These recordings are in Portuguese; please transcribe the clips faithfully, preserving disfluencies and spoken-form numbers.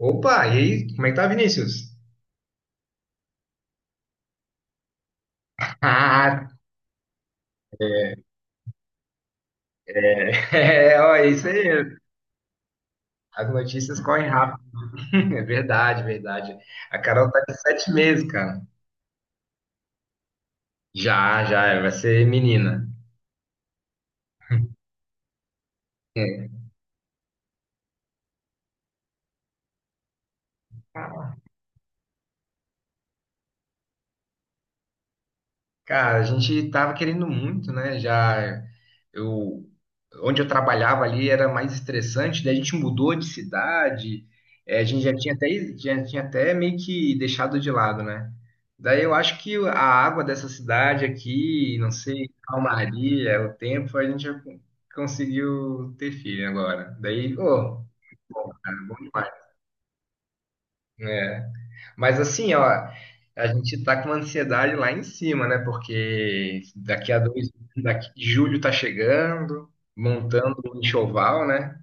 Opa, e aí, como é que tá, Vinícius? Ah, é, ó, é isso aí. As notícias correm rápido. É verdade, verdade. A Carol tá de sete meses, cara. Já, já, vai ser menina. É. Cara, a gente tava querendo muito, né? Já eu Onde eu trabalhava ali era mais estressante, daí a gente mudou de cidade, eh, a gente já tinha até já tinha até meio que deixado de lado, né? Daí eu acho que a água dessa cidade aqui, não sei, a calmaria, o tempo, a gente já conseguiu ter filho agora. Daí, ô, cara, bom demais. Né? Mas assim, ó, a gente tá com uma ansiedade lá em cima, né? Porque daqui a dois, daqui, julho tá chegando, montando o enxoval, né?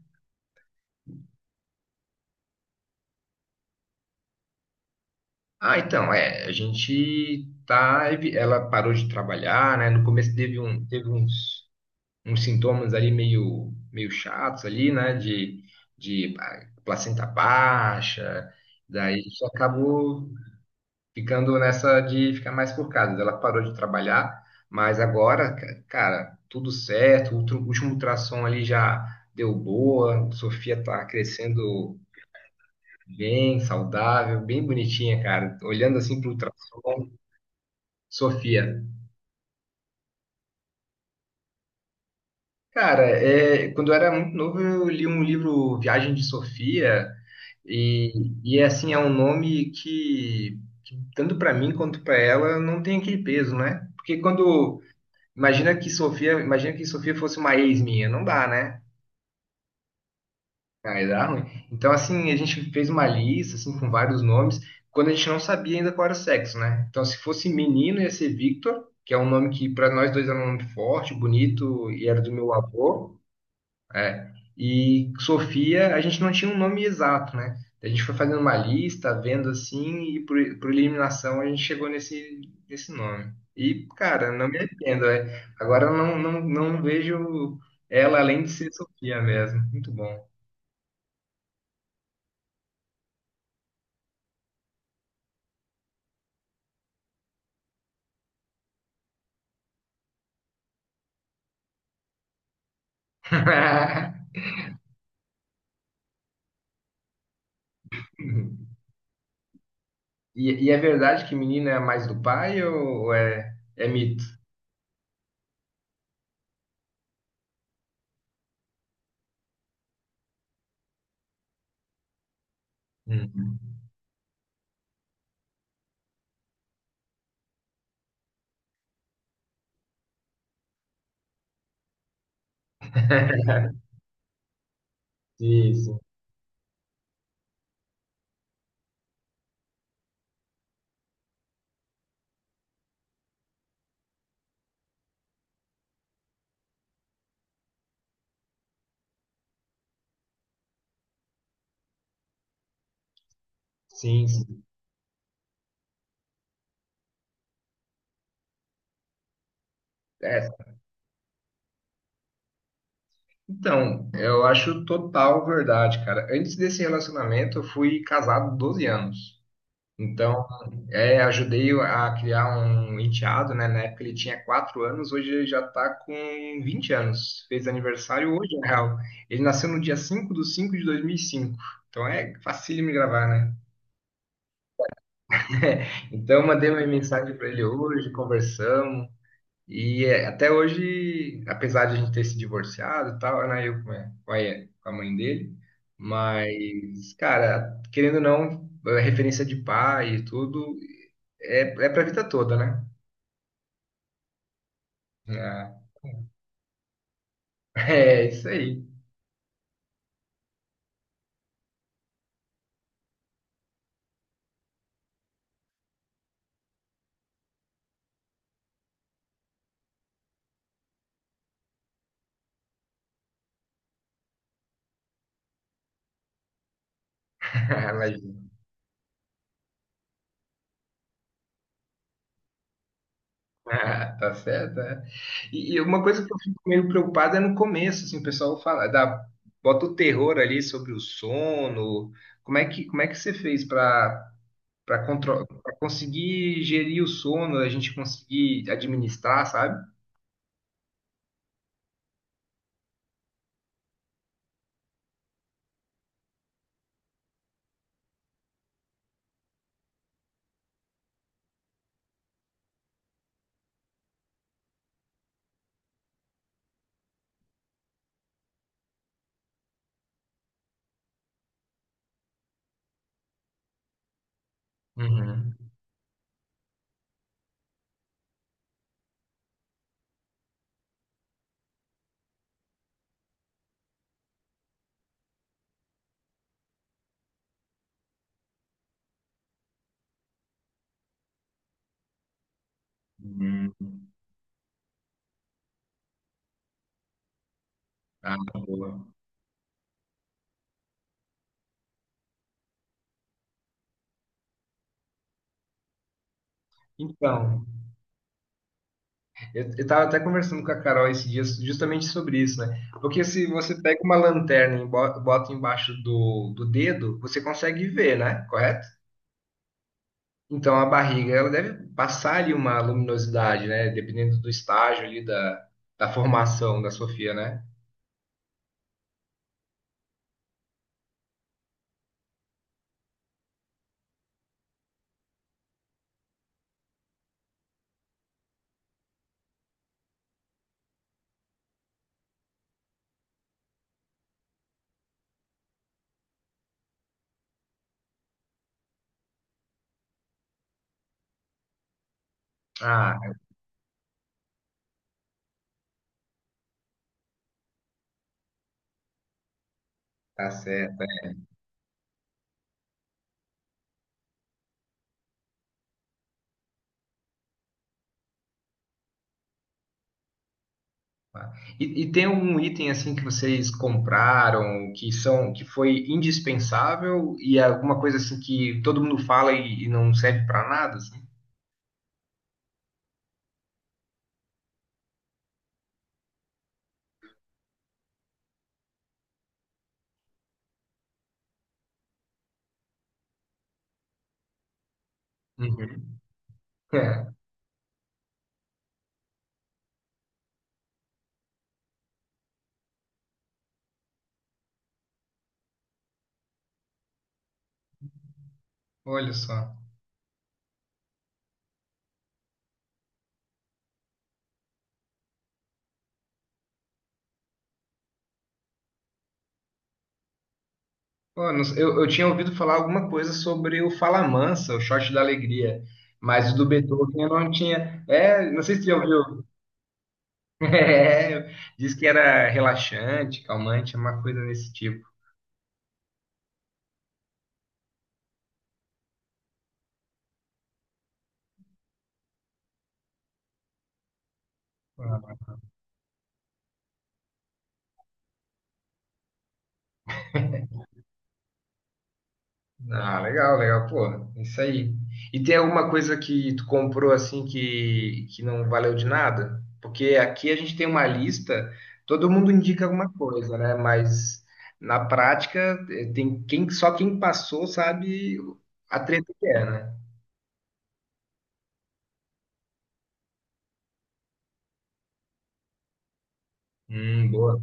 Ah, então, é, a gente tá, evi- ela parou de trabalhar, né? No começo teve um, teve uns, uns sintomas ali meio, meio chatos ali, né? De, de ah, placenta baixa, daí isso acabou ficando nessa de ficar mais por casa. Ela parou de trabalhar, mas agora, ca- cara, tudo certo. O ultra- o último ultrassom ali já deu boa. Sofia tá crescendo bem, saudável, bem bonitinha, cara. Olhando assim pro ultrassom, Sofia. Cara, é, quando eu era muito novo, eu li um livro Viagem de Sofia e, e é assim, é um nome que, que tanto para mim quanto para ela não tem aquele peso, né? Porque quando imagina que Sofia, imagina que Sofia fosse uma ex minha, não dá, né? Aí dá ruim. Então, assim, a gente fez uma lista, assim, com vários nomes, quando a gente não sabia ainda qual era o sexo, né? Então, se fosse menino, ia ser Victor, que é um nome que para nós dois era um nome forte, bonito, e era do meu avô. É. E Sofia, a gente não tinha um nome exato, né? A gente foi fazendo uma lista, vendo assim, e por, por eliminação a gente chegou nesse, nesse nome. E, cara, não me arrependo, é. Agora eu não, não, não vejo ela além de ser Sofia mesmo. Muito bom. E, e é verdade que menina é mais do pai ou, ou é, é mito? Hum. Sim, sim. Sim, sim. É, então, eu acho total verdade, cara. Antes desse relacionamento, eu fui casado doze anos. Então, é, ajudei a criar um enteado, né? Na época ele tinha quatro anos, hoje ele já tá com vinte anos. Fez aniversário hoje, na real. Ele nasceu no dia cinco de cinco de dois mil e cinco. Então, é facílimo de gravar, né? Então, eu mandei uma mensagem para ele hoje, conversamos. E é, até hoje, apesar de a gente ter se divorciado e tal, era eu com a, com a- com a mãe dele, mas, cara, querendo ou não, a referência de pai e tudo é, é pra vida toda, né? É, é isso aí. Imagina. Ah, tá certo, é. E, e uma coisa que eu fico meio preocupado é no começo, assim, o pessoal fala, dá, bota o terror ali sobre o sono. Como é que, como é que você fez para para contro... para conseguir gerir o sono, a gente conseguir administrar, sabe? Uhum. Hum. Ah, boa. Então, eu, eu tava até conversando com a Carol esses dias justamente sobre isso, né? Porque se você pega uma lanterna e bo- bota embaixo do, do dedo, você consegue ver, né? Correto? Então a barriga, ela deve passar ali uma luminosidade, né? Dependendo do estágio ali da, da formação da Sofia, né? Ah, tá certo. Tá? E, e tem um item assim que vocês compraram que são que foi indispensável e é alguma coisa assim que todo mundo fala e, e não serve para nada, assim? Uhum. É, olha só. Pô, não sei, eu, eu tinha ouvido falar alguma coisa sobre o Falamansa, o shot da alegria, mas o do Beethoven eu não tinha. É, não sei se você já ouviu. É, diz que era relaxante, calmante, uma coisa desse tipo. Ah. Ah, legal, legal, pô, isso aí. E tem alguma coisa que tu comprou assim que, que não valeu de nada? Porque aqui a gente tem uma lista, todo mundo indica alguma coisa, né? Mas na prática eh, tem quem só quem passou sabe a treta que é, né? Hum, boa.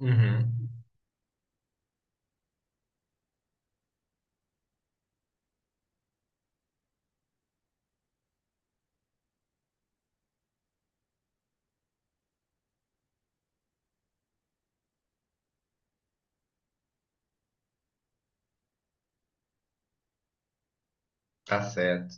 Uhum, tá certo.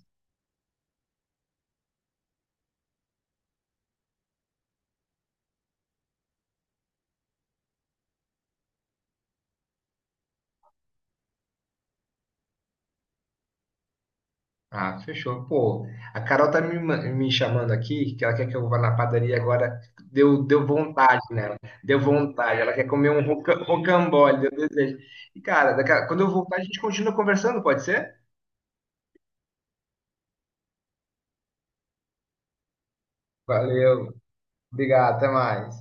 Ah, fechou. Pô, a Carol tá me, ma- me chamando aqui, que ela quer que eu vá na padaria agora. Deu, deu vontade nela. Deu vontade. Ela quer comer um roca- rocambole, deu desejo. E, cara, daqui a- quando eu voltar, a gente continua conversando, pode ser? Valeu, obrigado, até mais.